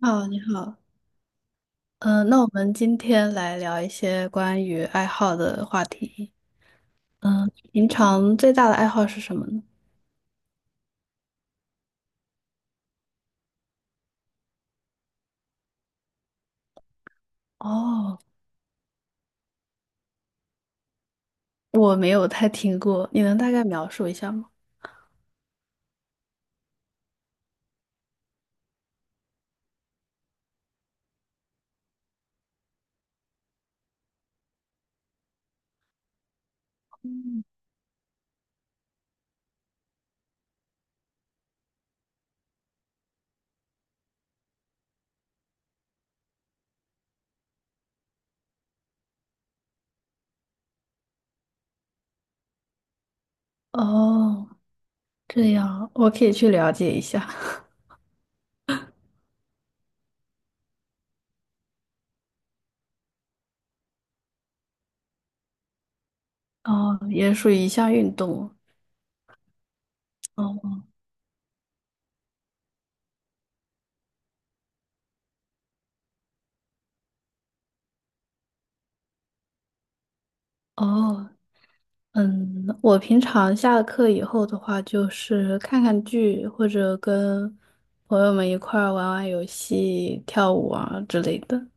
好，你好，嗯，那我们今天来聊一些关于爱好的话题。平常最大的爱好是什么呢？哦，我没有太听过，你能大概描述一下吗？嗯哦，这样，我可以去了解一下。哦，也属于一项运动。哦哦，我平常下了课以后的话，就是看看剧，或者跟朋友们一块儿玩玩游戏、跳舞啊之类的。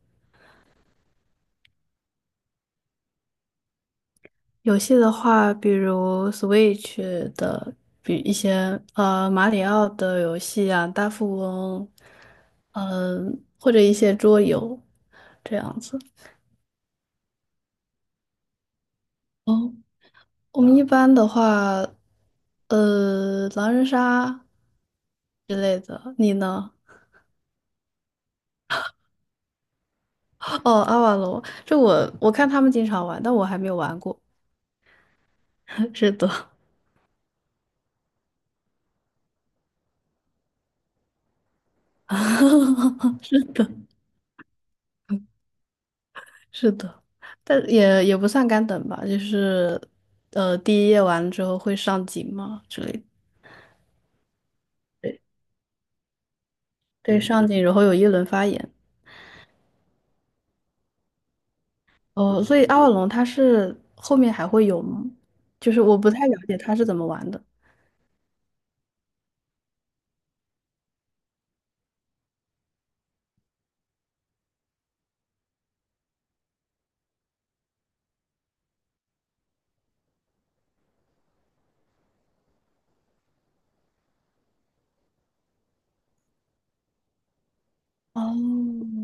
游戏的话，比如 Switch 的，比一些马里奥的游戏啊，大富翁，或者一些桌游这样子。哦，我们一般的话，狼人杀之类的，你呢？哦，阿瓦罗，这我看他们经常玩，但我还没有玩过。是的，是的。是的，但也不算干等吧，就是第一页完了之后会上警嘛之类的，对对，上警，然后有一轮发言。哦，所以阿瓦隆他是后面还会有吗？就是我不太了解他是怎么玩的。哦，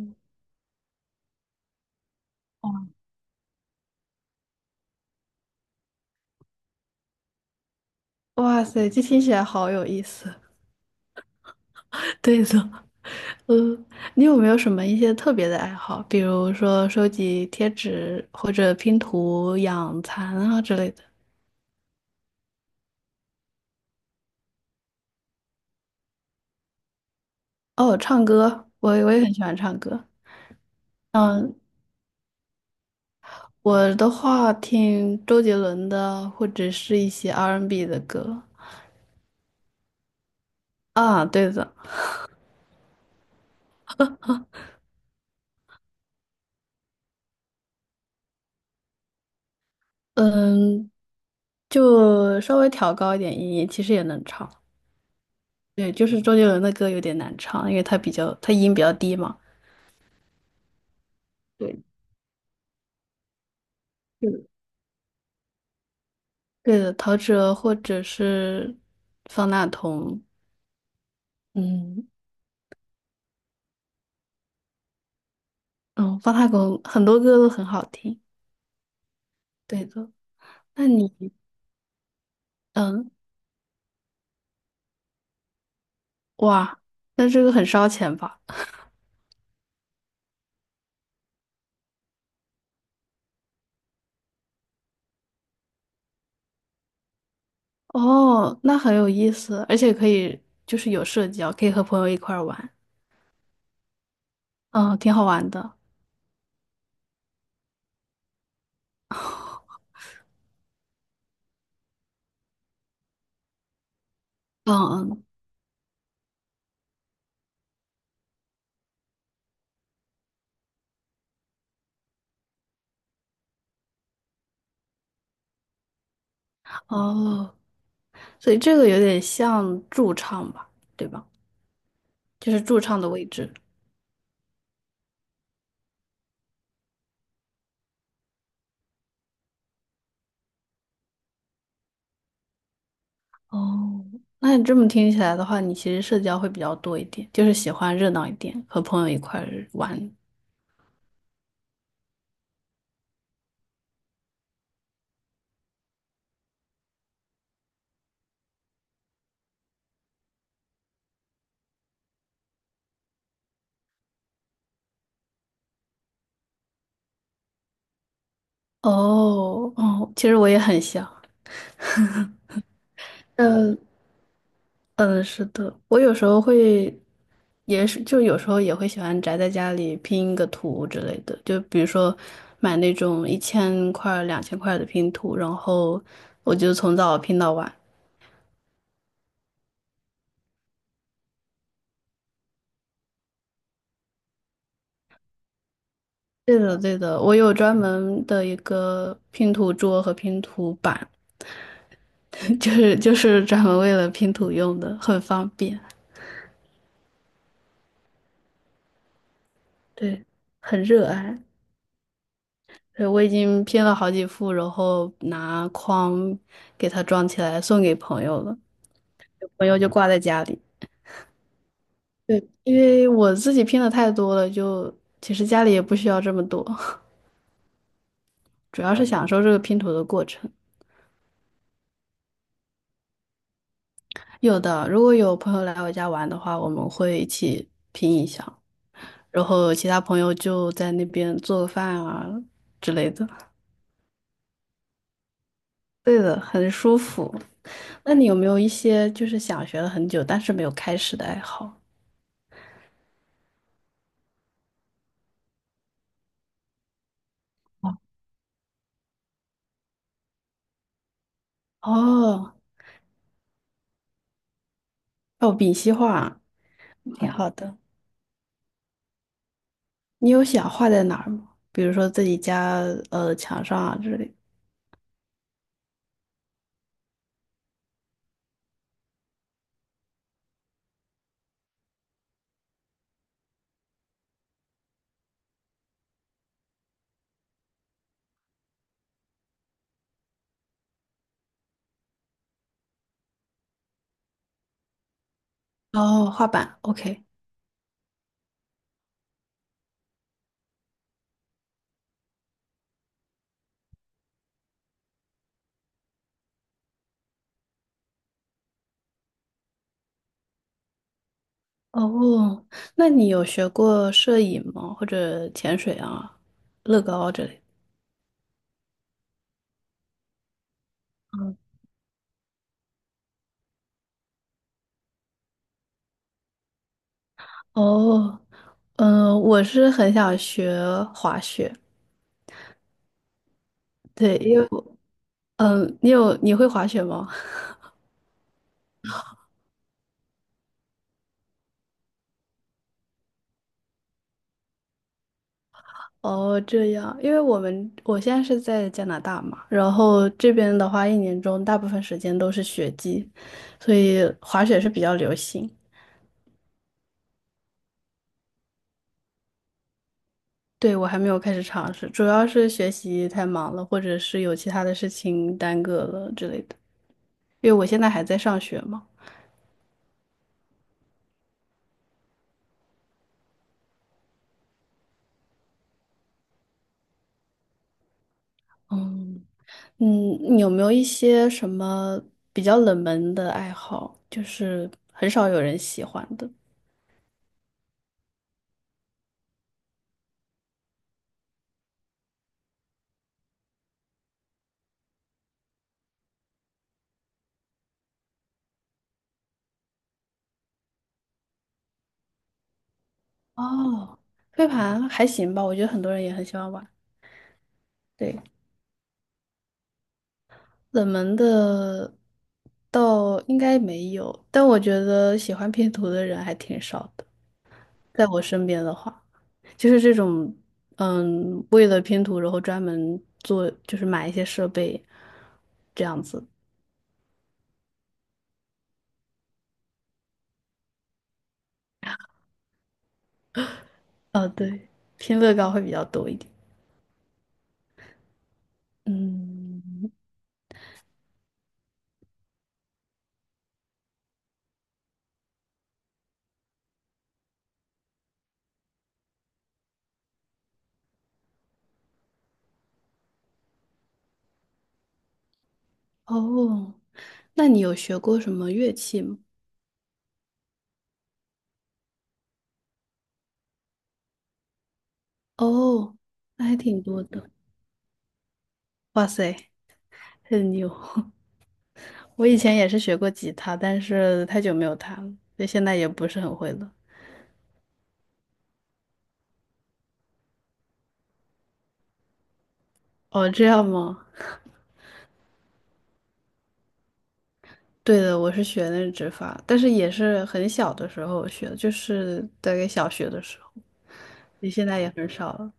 哇塞，这听起来好有意思。对的，嗯，你有没有什么一些特别的爱好，比如说收集贴纸或者拼图、养蚕啊之类的？哦，唱歌，我也很喜欢唱歌。嗯，我的话听周杰伦的，或者是一些 R&B n 的歌啊，对的，嗯，就稍微调高一点音域，其实也能唱。对，就是周杰伦的歌有点难唱，因为他音比较低嘛。对，是的对的，陶喆或者是方大同，嗯嗯，方大同很多歌都很好听。对的，那你嗯哇，那这个很烧钱吧？哦，那很有意思，而且可以就是有社交，可以和朋友一块儿玩，嗯，挺好玩的。嗯嗯，哦，所以这个有点像驻唱吧，对吧？就是驻唱的位置。哦，那你这么听起来的话，你其实社交会比较多一点，就是喜欢热闹一点，和朋友一块儿玩。哦哦，其实我也很像。嗯，是的，我有时候会，也是就有时候也会喜欢宅在家里拼一个图之类的，就比如说买那种1000块2000块的拼图，然后我就从早拼到晚。对的，对的，我有专门的一个拼图桌和拼图板，就是专门为了拼图用的，很方便。对，很热爱。对，我已经拼了好几副，然后拿框给它装起来送给朋友了。朋友就挂在家里。对，因为我自己拼的太多了，就其实家里也不需要这么多，主要是享受这个拼图的过程。有的，如果有朋友来我家玩的话，我们会一起拼一下，然后其他朋友就在那边做个饭啊之类的。对的，很舒服。那你有没有一些就是想学了很久但是没有开始的爱好？哦，哦，丙烯画，挺好的。你有想画在哪儿吗？比如说自己家墙上啊之类的。哦，画板，OK。哦，那你有学过摄影吗？或者潜水啊、乐高之类的嗯。哦，我是很想学滑雪。对，因为我，嗯，你会滑雪吗？哦，这样，因为我现在是在加拿大嘛，然后这边的话，一年中大部分时间都是雪季，所以滑雪是比较流行。对，我还没有开始尝试，主要是学习太忙了，或者是有其他的事情耽搁了之类的。因为我现在还在上学嘛。嗯，嗯，你有没有一些什么比较冷门的爱好，就是很少有人喜欢的？哦，飞盘还行吧，我觉得很多人也很喜欢玩。对，冷门的倒应该没有，但我觉得喜欢拼图的人还挺少的，在我身边的话。就是这种，为了拼图，然后专门做，就是买一些设备，这样子。对，拼乐高会比较多一点。嗯，哦，那你有学过什么乐器吗？哦，那还挺多的。哇塞，很牛！我以前也是学过吉他，但是太久没有弹了，所以现在也不是很会了。哦，这样吗？对的，我是学那指法，但是也是很小的时候学的，就是大概小学的时候。你现在也很少了。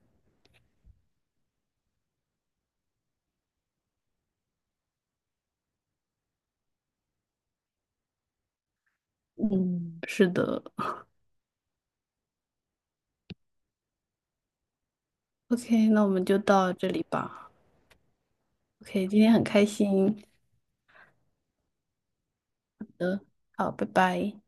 嗯，是的，OK，那我们就到这里吧。OK，今天很开心，好，拜拜。